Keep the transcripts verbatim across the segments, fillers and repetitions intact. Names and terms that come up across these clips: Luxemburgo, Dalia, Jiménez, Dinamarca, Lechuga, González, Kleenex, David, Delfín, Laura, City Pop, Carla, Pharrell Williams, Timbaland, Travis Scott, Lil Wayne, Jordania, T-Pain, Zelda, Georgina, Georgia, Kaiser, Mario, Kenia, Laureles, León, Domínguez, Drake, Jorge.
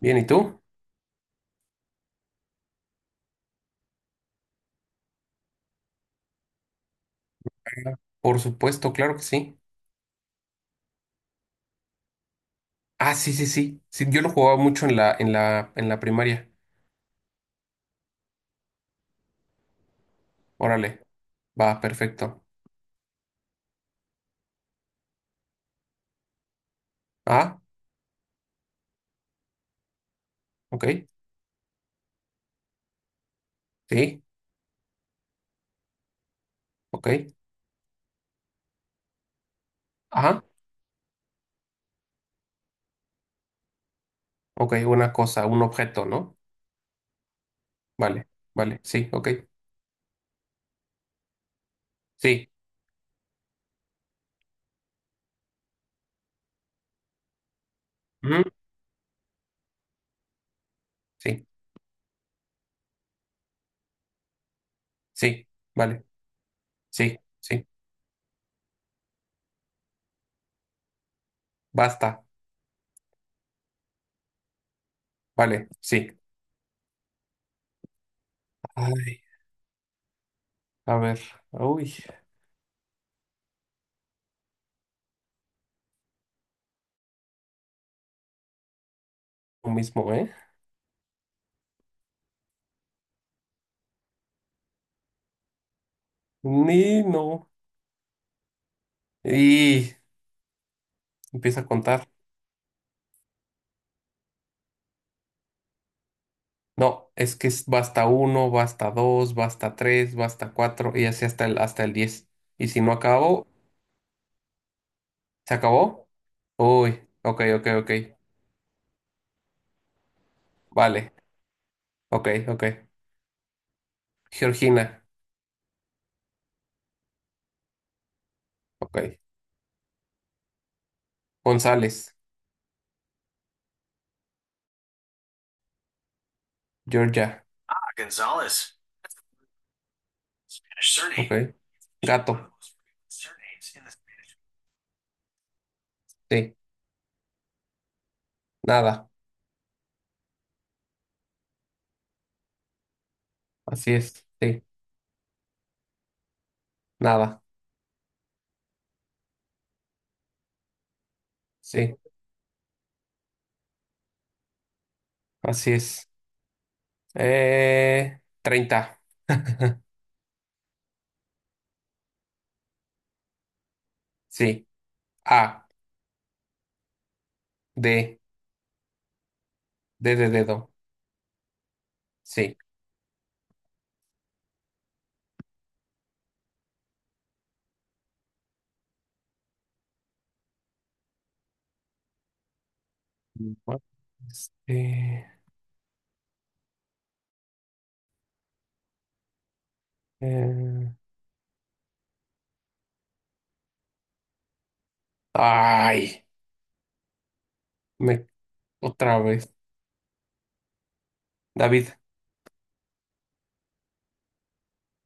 Bien, ¿y tú? Por supuesto, claro que sí. Ah, sí, sí, sí. Sí, yo lo jugaba mucho en la, en la, en la primaria. Órale, va, perfecto. Ah, ok, sí, ok. Ajá, ok, una cosa, un objeto, ¿no? Vale, vale, sí, ok, sí, ujú, sí, sí, vale, sí, sí, basta, vale, sí. Ay, a ver, uy, lo mismo, ¿eh? Ni no. Y empieza a contar. No, es que es- va hasta uno, va hasta dos, va hasta tres, va hasta cuatro y así hasta el, hasta el diez. Y si no acabó, ¿se acabó? Uy, ok, ok, ok. Vale, ok, ok. Georgina, ok. González, Georgia, ok. Gato, sí, nada, así es, sí, nada, sí, así es. Eh, treinta. Sí. A, D, D de dedo, sí. Bueno. Este, eh, ay, me, otra vez. David,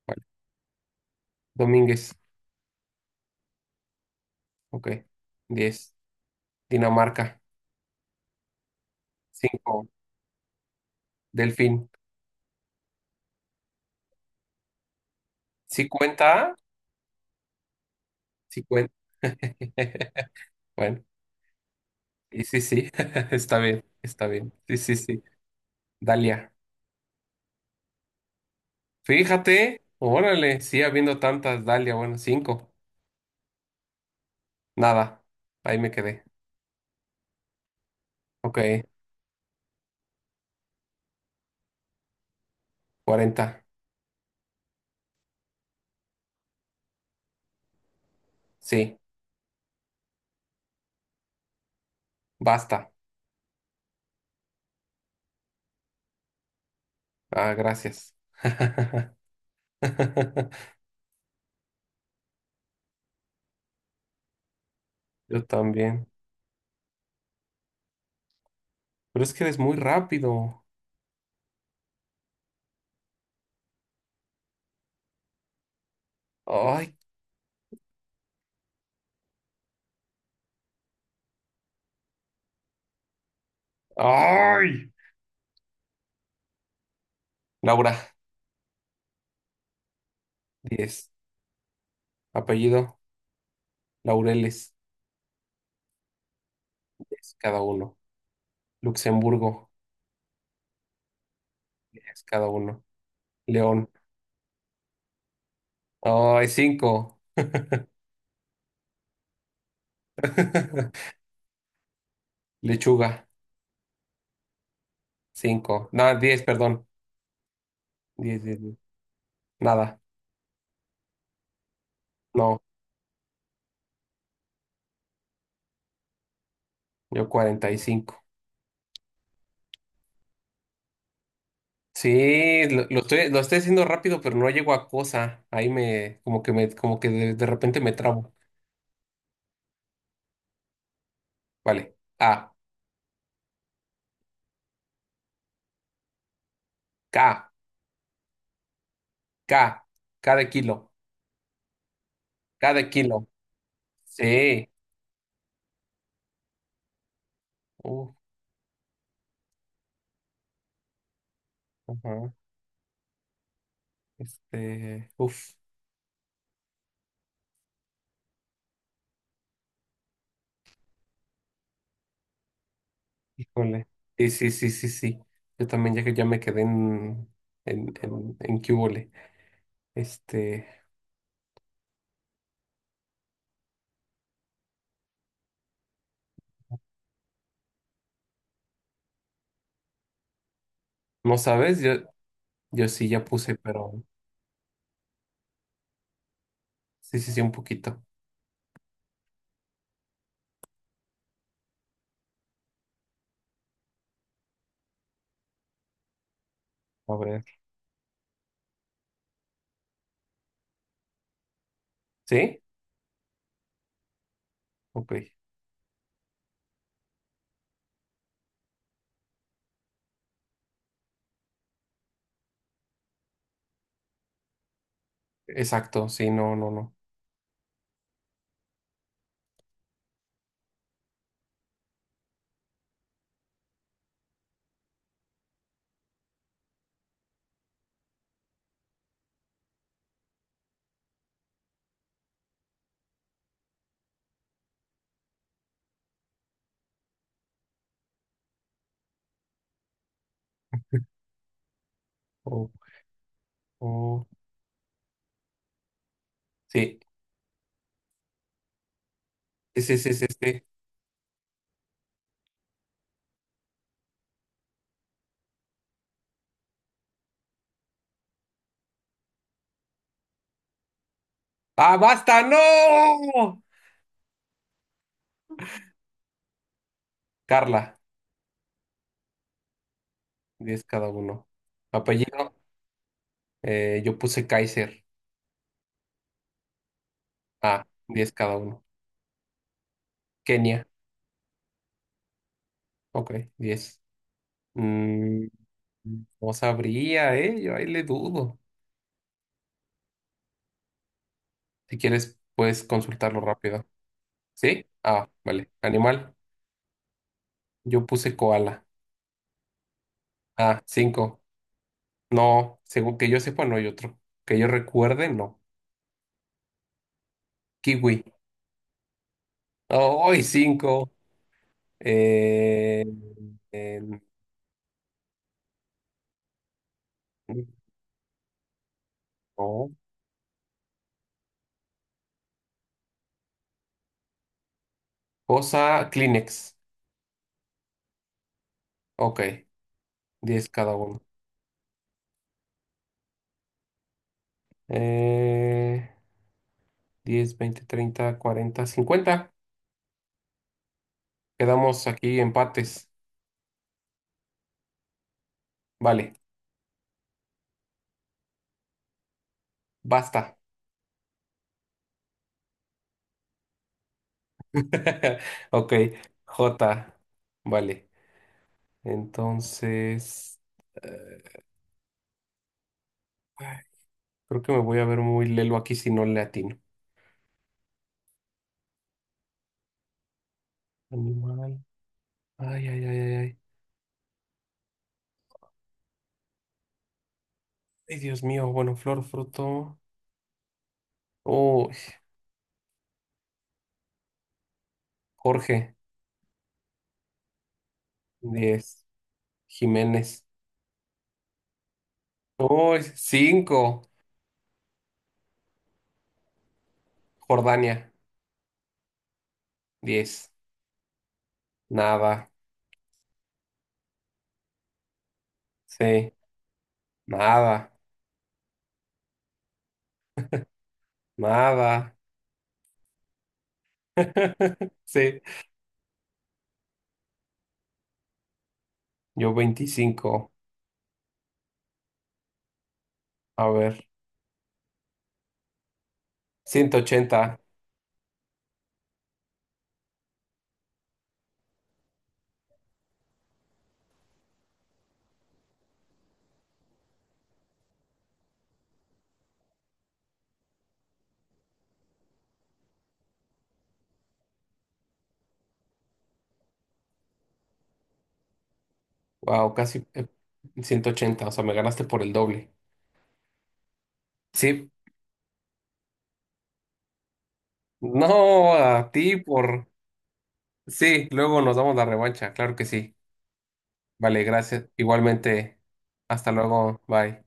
vale. Domínguez, ok. diez. Dinamarca, cinco. Delfín, ¿sí cuenta? Sí cuenta. Bueno, y sí, sí, está bien, está bien. Sí, sí, sí. Dalia, fíjate, órale, sí, habiendo tantas, Dalia, bueno, cinco. Nada, ahí me quedé. Ok, cuarenta, sí, basta. Ah, gracias. Yo también. Pero es que eres muy rápido. Ay, ay. Laura, diez. Apellido, Laureles, diez cada uno. Luxemburgo, diez cada uno. León, ay, cinco. Lechuga, cinco. No, diez, perdón. Diez, diez, 10. Nada. No, yo cuarenta y cinco. Sí, lo, lo estoy, lo estoy haciendo rápido, pero no llego a cosa. Ahí me, como que me, como que de, de repente me trabo. Vale. A, K. K, K de kilo, K de kilo. Sí. Uf, ajá. Este, uf, híjole. Sí, sí, sí, sí, sí. Yo también, ya que ya me quedé en, en, en, en qué hubole. Este, no sabes. Yo, yo sí ya puse, pero sí, sí, sí, un poquito. A ver. ¿Sí? Ok. Exacto, sí, no, no, no. Oh, oh. Sí, sí, sí, sí, sí. Sí. ¡Ah, basta! ¡No! Carla, diez cada uno. Apellido. Eh, yo puse Kaiser. Ah, diez cada uno. Kenia. Ok, diez. Mm, no sabría, ¿eh? Yo ahí le dudo. Si quieres, puedes consultarlo rápido. ¿Sí? Ah, vale. Animal. Yo puse koala. Ah, cinco. No, según que yo sepa, no hay otro. Que yo recuerde, no. Kiwi. Oh, hoy cinco. Eh, eh, no. Cosa, Kleenex. Ok, diez cada uno. Eh, Diez, veinte, treinta, cuarenta, cincuenta. Quedamos aquí empates. Vale, basta. Ok, J. Vale. Entonces, eh, ay, creo que me voy a ver muy lelo aquí si no le atino. Animal. Ay, ay, ay, ay, ay. Ay, Dios mío. Bueno, flor, fruto. Oh, Jorge. Diez. Jiménez. Oh, cinco. Jordania. Diez. Nada. Sí. Nada. Nada. Sí, yo veinticinco. A ver, ciento ochenta. Wow, casi, eh, ciento ochenta. O sea, me ganaste por el doble. Sí. No, a ti por... Sí, luego nos damos la revancha, claro que sí. Vale, gracias. Igualmente, hasta luego, bye.